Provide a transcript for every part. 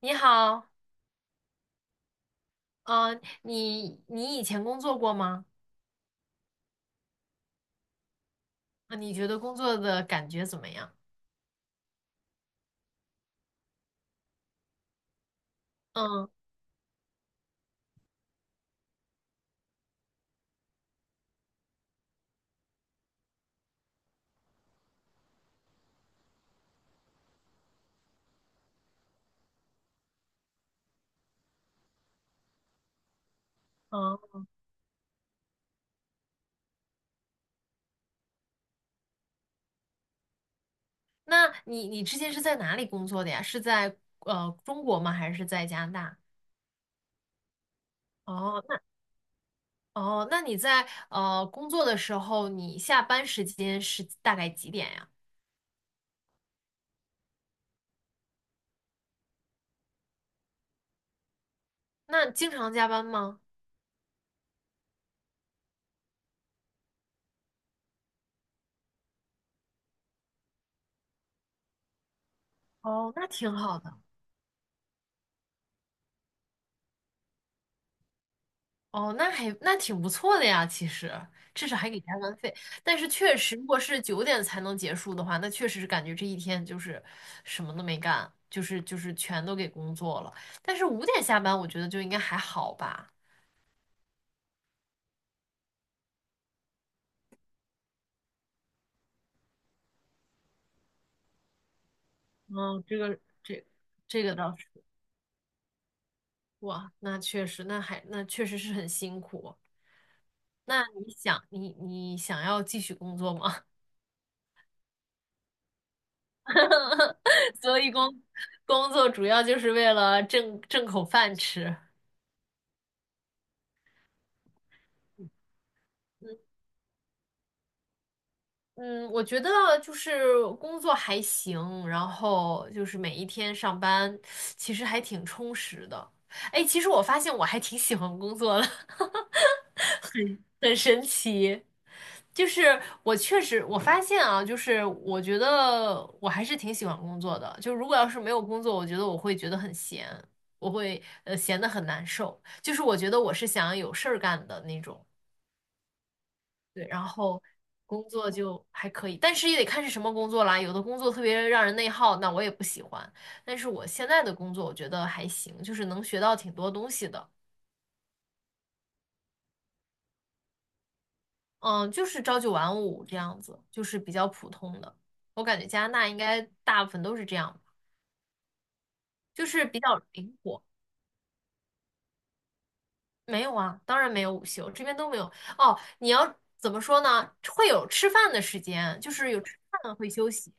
你好，你以前工作过吗？啊，你觉得工作的感觉怎么样？嗯嗯，那你之前是在哪里工作的呀？是在中国吗？还是在加拿大？哦，那哦，那你在工作的时候，你下班时间是大概几点呀？那经常加班吗？哦，那挺好的。哦，那挺不错的呀，其实至少还给加班费。但是确实，如果是9点才能结束的话，那确实是感觉这一天就是什么都没干，就是全都给工作了。但是5点下班，我觉得就应该还好吧。嗯，这个这这个倒是，哇，那确实，那确实是很辛苦。那你想要继续工作吗？所以工工作主要就是为了挣口饭吃。嗯，我觉得就是工作还行，然后就是每一天上班，其实还挺充实的。哎，其实我发现我还挺喜欢工作的，很神奇。就是我确实，我发现啊，就是我觉得我还是挺喜欢工作的。就如果要是没有工作，我觉得我会觉得很闲，我会闲得很难受。就是我觉得我是想要有事儿干的那种。对，然后工作就还可以，但是也得看是什么工作啦。有的工作特别让人内耗，那我也不喜欢。但是我现在的工作我觉得还行，就是能学到挺多东西的。嗯，就是朝九晚五这样子，就是比较普通的。我感觉加拿大应该大部分都是这样吧，就是比较灵活。没有啊，当然没有午休，这边都没有。哦，你要怎么说呢？会有吃饭的时间，就是有吃饭会休息，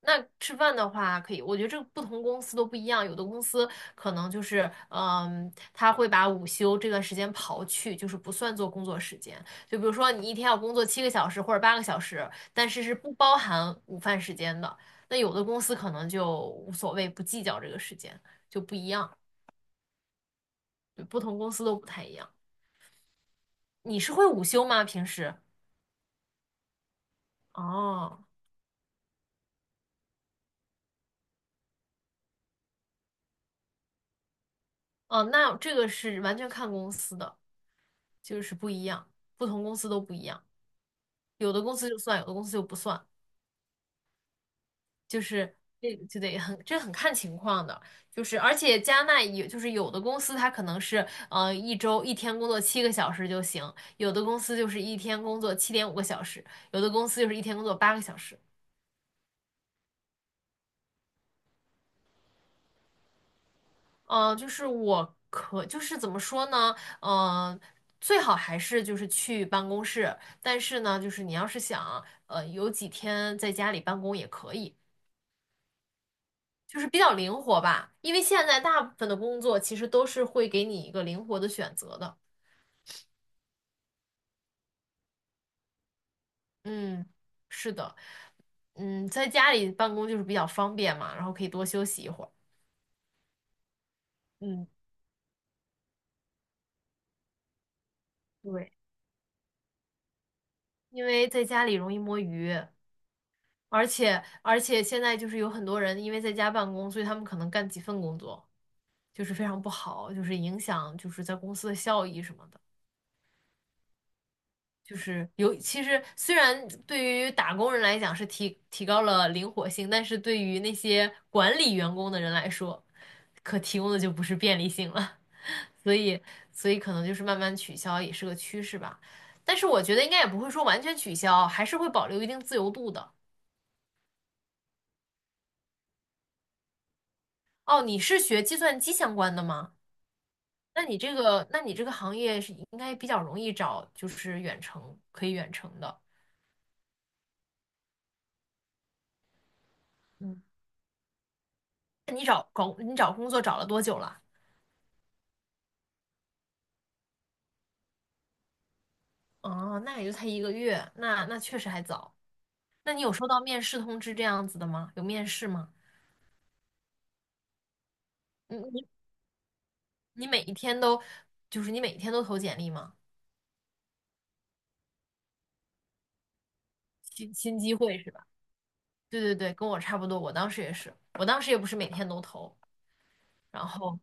那吃饭的话，可以，我觉得这个不同公司都不一样，有的公司可能就是，嗯，他会把午休这段时间刨去，就是不算做工作时间。就比如说你一天要工作七个小时或者八个小时，但是是不包含午饭时间的。那有的公司可能就无所谓，不计较这个时间，就不一样，对不同公司都不太一样。你是会午休吗？平时？哦，哦，那这个是完全看公司的，就是不一样，不同公司都不一样。有的公司就算，有的公司就不算，就是这很看情况的，就是而且加纳有就是有的公司它可能是一周一天工作七个小时就行，有的公司就是一天工作7.5个小时，有的公司就是一天工作八个小时。就是就是怎么说呢？嗯、最好还是就是去办公室，但是呢，就是你要是想有几天在家里办公也可以，就是比较灵活吧，因为现在大部分的工作其实都是会给你一个灵活的选择的。嗯，是的，嗯，在家里办公就是比较方便嘛，然后可以多休息一会儿。嗯，对，因为在家里容易摸鱼，而且现在就是有很多人因为在家办公，所以他们可能干几份工作，就是非常不好，就是影响就是在公司的效益什么的。就是有，其实虽然对于打工人来讲是提高了灵活性，但是对于那些管理员工的人来说，可提供的就不是便利性了。所以，所以可能就是慢慢取消也是个趋势吧。但是我觉得应该也不会说完全取消，还是会保留一定自由度的。哦，你是学计算机相关的吗？那你这个行业是应该比较容易找，就是远程可以远程的。嗯，找找工作找了多久了？哦，那也就才一个月，那确实还早。那你有收到面试通知这样子的吗？有面试吗？你你你每一天都，就是你每一天都投简历吗？新机会是吧？对对对，跟我差不多，我当时也是，我当时也不是每天都投，然后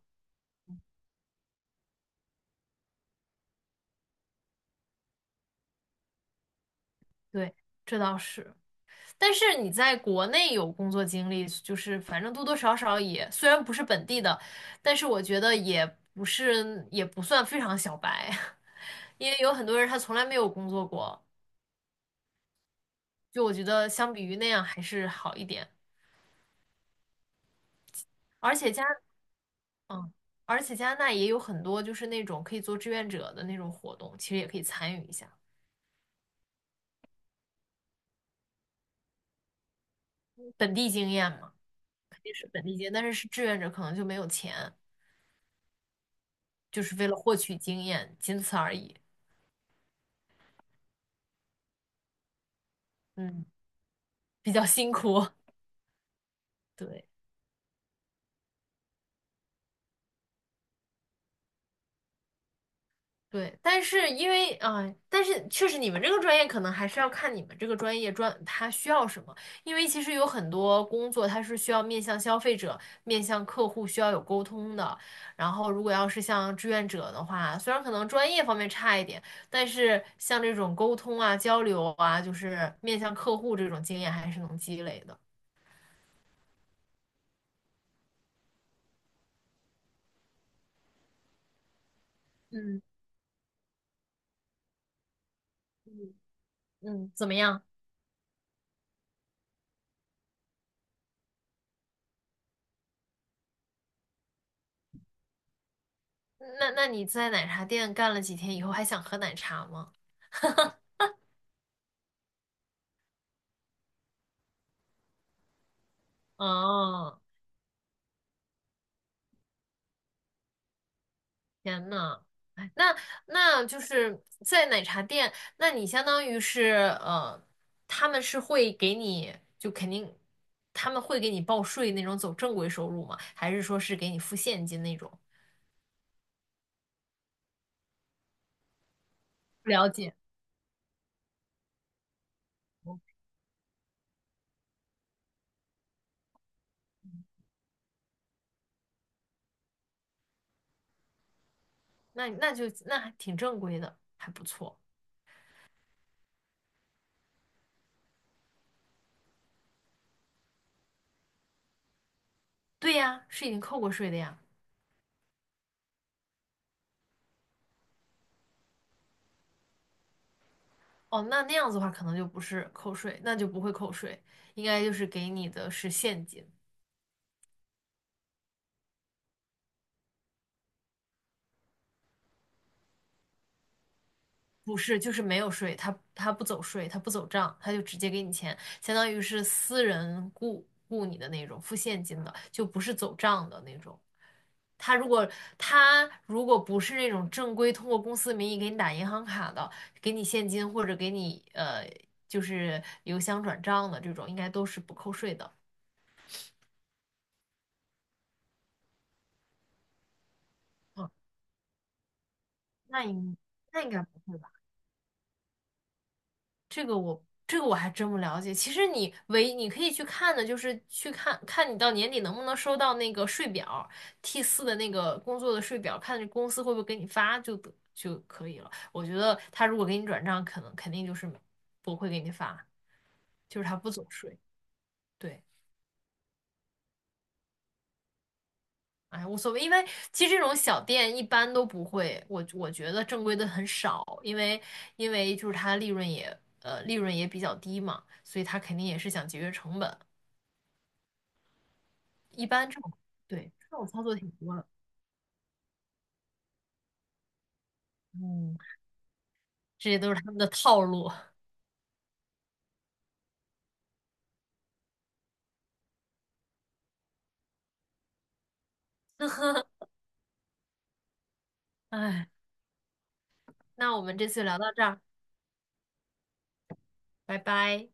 对，这倒是。但是你在国内有工作经历，就是反正多多少少也，虽然不是本地的，但是我觉得也不是，也不算非常小白，因为有很多人他从来没有工作过。就我觉得相比于那样还是好一点，而且加嗯，而且加拿大也有很多就是那种可以做志愿者的那种活动，其实也可以参与一下，本地经验嘛，肯定是本地经验，但是是志愿者可能就没有钱，就是为了获取经验，仅此而已，嗯，比较辛苦，对。对，但是因为但是确实你们这个专业可能还是要看你们这个专业它需要什么，因为其实有很多工作它是需要面向消费者、面向客户需要有沟通的。然后如果要是像志愿者的话，虽然可能专业方面差一点，但是像这种沟通啊、交流啊，就是面向客户这种经验还是能积累的。嗯嗯，嗯，怎么样？那你在奶茶店干了几天以后，还想喝奶茶吗？哦。天呐，哎那那就是在奶茶店，那你相当于是他们是会给你就肯定他们会给你报税那种走正规收入吗？还是说是给你付现金那种？不了解，那还挺正规的，还不错。对呀，是已经扣过税的呀。哦，那那样子的话，可能就不是扣税，那就不会扣税，应该就是给你的是现金。不是，就是没有税，他不走税，他不走账，他就直接给你钱，相当于是私人雇你的那种，付现金的，就不是走账的那种。他如果他如果不是那种正规通过公司名义给你打银行卡的，给你现金或者给你就是邮箱转账的这种，应该都是不扣税的。嗯，那应那应该不会吧？这个我还真不了解。其实你可以去看的，就是去看看你到年底能不能收到那个税表，T4的那个工作的税表，看公司会不会给你发就可以了。我觉得他如果给你转账，可能肯定就是没不会给你发，就是他不走税。对，哎，无所谓，因为其实这种小店一般都不会，我觉得正规的很少，因为就是他利润也利润也比较低嘛，所以他肯定也是想节约成本。一般这种，对，这种操作挺多的。嗯，这些都是他们的套路。哎，那我们这次聊到这儿，拜拜。